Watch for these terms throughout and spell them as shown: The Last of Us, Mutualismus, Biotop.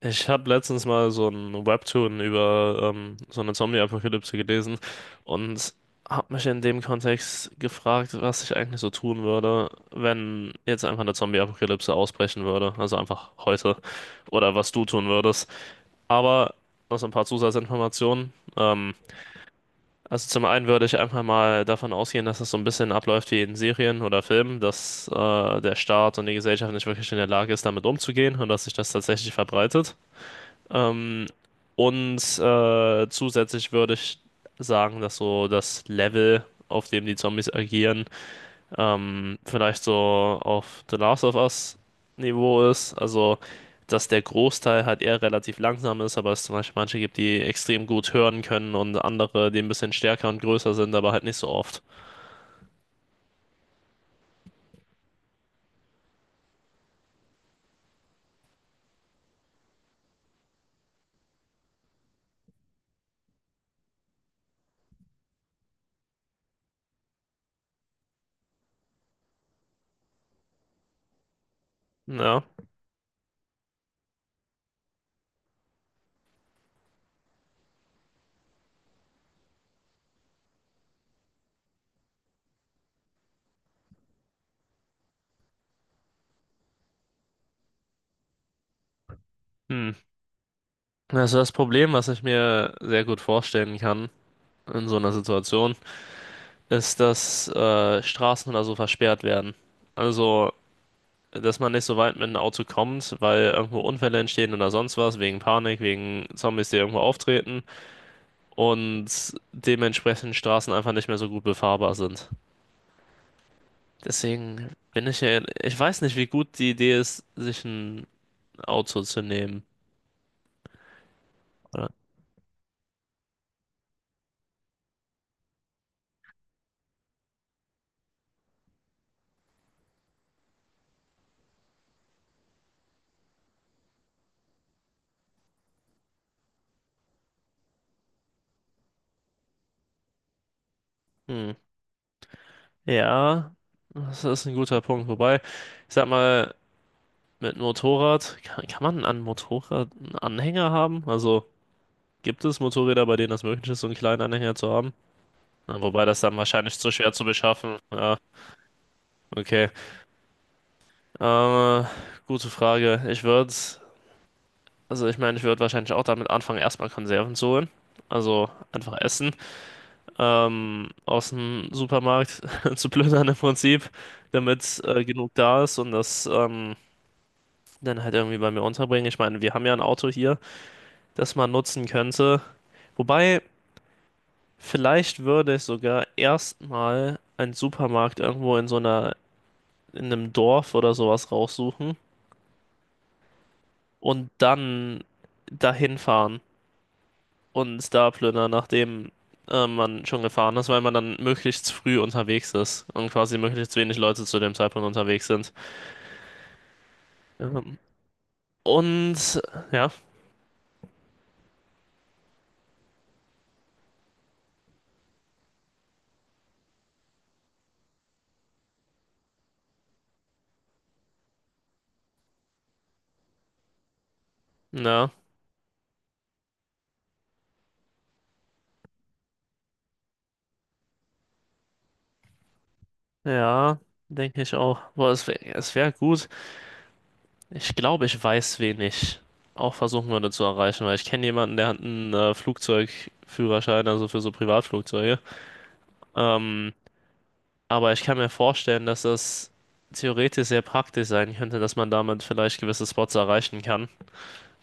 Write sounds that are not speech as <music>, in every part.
Ich habe letztens mal so ein Webtoon über so eine Zombie-Apokalypse gelesen und habe mich in dem Kontext gefragt, was ich eigentlich so tun würde, wenn jetzt einfach eine Zombie-Apokalypse ausbrechen würde, also einfach heute, oder was du tun würdest. Aber noch so ein paar Zusatzinformationen. Also zum einen würde ich einfach mal davon ausgehen, dass es so ein bisschen abläuft wie in Serien oder Filmen, dass der Staat und die Gesellschaft nicht wirklich in der Lage ist, damit umzugehen und dass sich das tatsächlich verbreitet. Ähm, Zusätzlich würde ich sagen, dass so das Level, auf dem die Zombies agieren, vielleicht so auf The Last of Us Niveau ist. Also, dass der Großteil halt eher relativ langsam ist, aber es zum Beispiel manche gibt, die extrem gut hören können und andere, die ein bisschen stärker und größer sind, aber halt nicht so oft. Ja. Hm. Also das Problem, was ich mir sehr gut vorstellen kann in so einer Situation, ist, dass Straßen oder so versperrt werden. Also, dass man nicht so weit mit einem Auto kommt, weil irgendwo Unfälle entstehen oder sonst was, wegen Panik, wegen Zombies, die irgendwo auftreten und dementsprechend Straßen einfach nicht mehr so gut befahrbar sind. Deswegen bin ich ja, ich weiß nicht, wie gut die Idee ist, sich ein Auto zu nehmen. Oder? Hm. Ja, das ist ein guter Punkt. Wobei, ich sag mal, mit Motorrad, kann man an Motorrad einen Anhänger haben? Also, gibt es Motorräder, bei denen das möglich ist, so einen kleinen Anhänger zu haben? Na, wobei das dann wahrscheinlich zu schwer zu beschaffen. Ja, okay. Äh, Gute Frage. Also ich meine, ich würde wahrscheinlich auch damit anfangen, erstmal Konserven zu holen. Also einfach essen. Aus dem Supermarkt <laughs> zu plündern im Prinzip, damit genug da ist und das dann halt irgendwie bei mir unterbringen. Ich meine, wir haben ja ein Auto hier, das man nutzen könnte. Wobei. Vielleicht würde ich sogar erstmal einen Supermarkt irgendwo in einem Dorf oder sowas raussuchen und dann dahin fahren und da plündern, nachdem man schon gefahren ist, weil man dann möglichst früh unterwegs ist und quasi möglichst wenig Leute zu dem Zeitpunkt unterwegs sind. Ähm, und ja, ja, ja, denke ich auch. Boah, es wäre es wär gut. Ich glaube, ich weiß, wen ich auch versuchen würde zu erreichen, weil ich kenne jemanden, der hat einen Flugzeugführerschein, also für so Privatflugzeuge. Ähm, aber ich kann mir vorstellen, dass das theoretisch sehr praktisch sein könnte, dass man damit vielleicht gewisse Spots erreichen kann.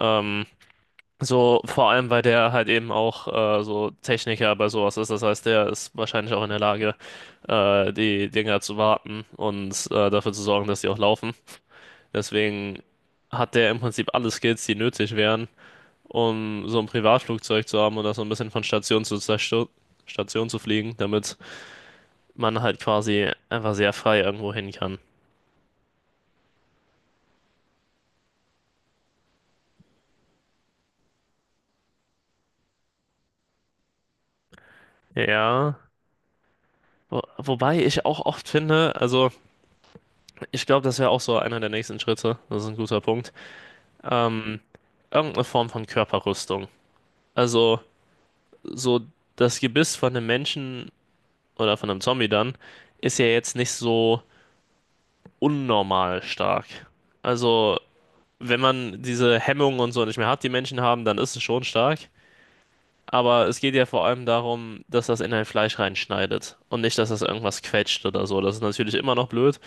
Ähm, so vor allem, weil der halt eben auch so Techniker bei sowas ist. Das heißt, der ist wahrscheinlich auch in der Lage, die Dinger zu warten und dafür zu sorgen, dass die auch laufen. Deswegen hat der im Prinzip alle Skills, die nötig wären um so ein Privatflugzeug zu haben oder so ein bisschen von Station zu Sta- Station zu fliegen, damit man halt quasi einfach sehr frei irgendwo hin kann. Ja, wobei ich auch oft finde, also ich glaube, das wäre auch so einer der nächsten Schritte, das ist ein guter Punkt, ähm, irgendeine Form von Körperrüstung. Also so das Gebiss von einem Menschen oder von einem Zombie dann ist ja jetzt nicht so unnormal stark. Also wenn man diese Hemmungen und so nicht mehr hat, die Menschen haben, dann ist es schon stark. Aber es geht ja vor allem darum, dass das in ein Fleisch reinschneidet und nicht, dass das irgendwas quetscht oder so. Das ist natürlich immer noch blöd.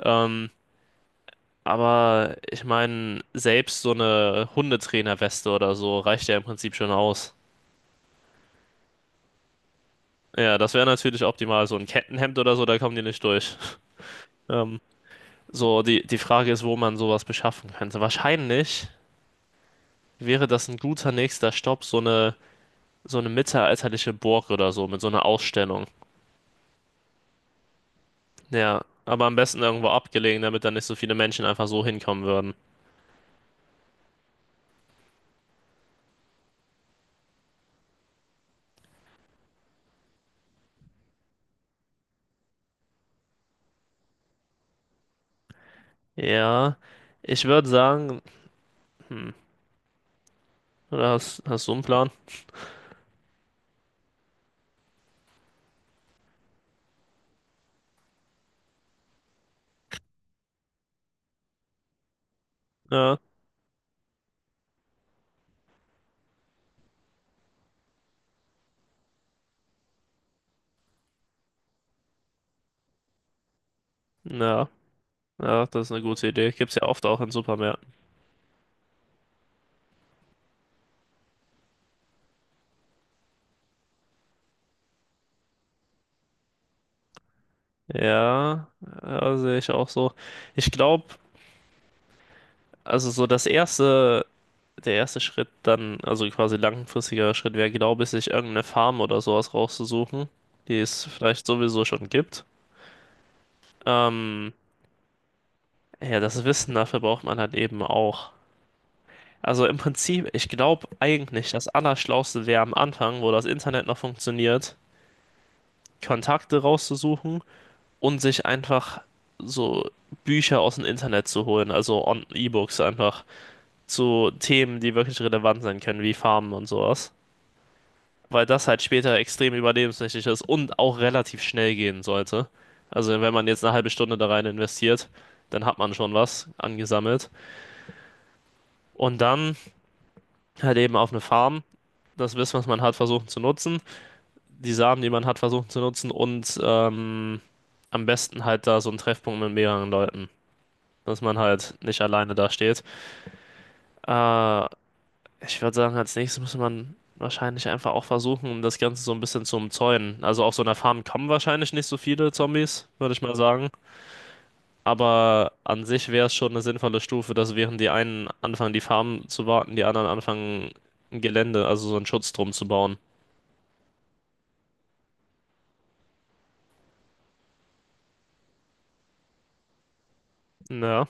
Ähm, aber ich meine, selbst so eine Hundetrainerweste oder so reicht ja im Prinzip schon aus. Ja, das wäre natürlich optimal. So ein Kettenhemd oder so, da kommen die nicht durch. <laughs> Ähm, so, die Frage ist, wo man sowas beschaffen könnte. Wahrscheinlich wäre das ein guter nächster Stopp, so eine mittelalterliche Burg oder so mit so einer Ausstellung. Ja, aber am besten irgendwo abgelegen, damit da nicht so viele Menschen einfach so hinkommen würden. Ja, ich würde sagen, hm, oder hast du einen Plan? Ja, ja, ja, das ist eine gute Idee. Gibt's ja oft auch in Supermärkten. Ja, ja, sehe ich auch so. Ich glaube, also so das erste, der erste Schritt dann, also quasi langfristiger Schritt wäre, glaube ich, sich irgendeine Farm oder sowas rauszusuchen, die es vielleicht sowieso schon gibt. Ähm, Ja, das Wissen dafür braucht man halt eben auch. Also im Prinzip, ich glaube eigentlich, das Allerschlauste wäre am Anfang, wo das Internet noch funktioniert, Kontakte rauszusuchen und sich einfach so Bücher aus dem Internet zu holen, also E-Books einfach zu Themen, die wirklich relevant sein können, wie Farmen und sowas. Weil das halt später extrem überlebenswichtig ist und auch relativ schnell gehen sollte. Also wenn man jetzt eine halbe Stunde da rein investiert, dann hat man schon was angesammelt. Und dann halt eben auf eine Farm das Wissen, was man hat, versuchen zu nutzen, die Samen, die man hat, versuchen zu nutzen und am besten halt da so einen Treffpunkt mit mehreren Leuten, dass man halt nicht alleine da steht. Äh, Ich würde sagen, als nächstes muss man wahrscheinlich einfach auch versuchen, um das Ganze so ein bisschen zu umzäunen. Also auf so einer Farm kommen wahrscheinlich nicht so viele Zombies, würde ich mal sagen. Aber an sich wäre es schon eine sinnvolle Stufe, dass während die einen anfangen, die Farm zu warten, die anderen anfangen, ein Gelände, also so einen Schutz drum zu bauen. Ja.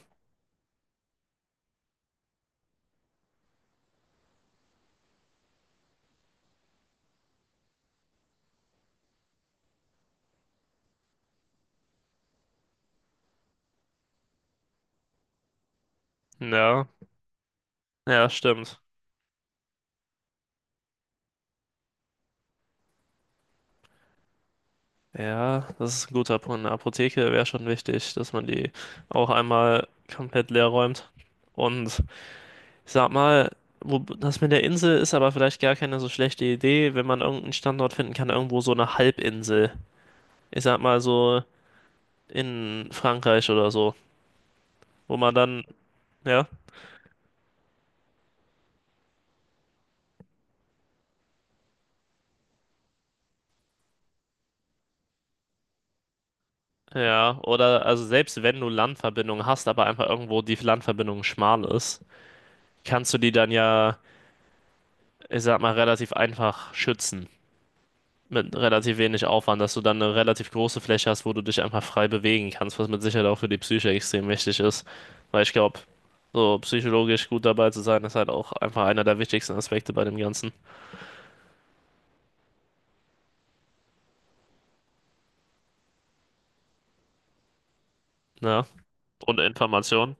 Ja, ja, stimmt. Ja, das ist ein guter Punkt. Eine Apotheke wäre schon wichtig, dass man die auch einmal komplett leer räumt. Und ich sag mal, das mit der Insel ist aber vielleicht gar keine so schlechte Idee, wenn man irgendeinen Standort finden kann, irgendwo so eine Halbinsel. Ich sag mal so in Frankreich oder so, wo man dann, ja, ja, oder also selbst wenn du Landverbindungen hast, aber einfach irgendwo die Landverbindung schmal ist, kannst du die dann ja, ich sag mal, relativ einfach schützen. Mit relativ wenig Aufwand, dass du dann eine relativ große Fläche hast, wo du dich einfach frei bewegen kannst, was mit Sicherheit auch für die Psyche extrem wichtig ist. Weil ich glaube, so psychologisch gut dabei zu sein, ist halt auch einfach einer der wichtigsten Aspekte bei dem Ganzen. Ja. Und Information.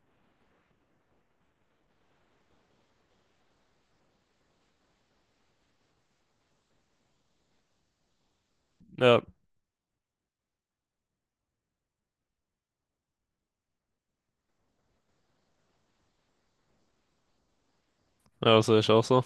Ja, ja, das sehe ich auch so.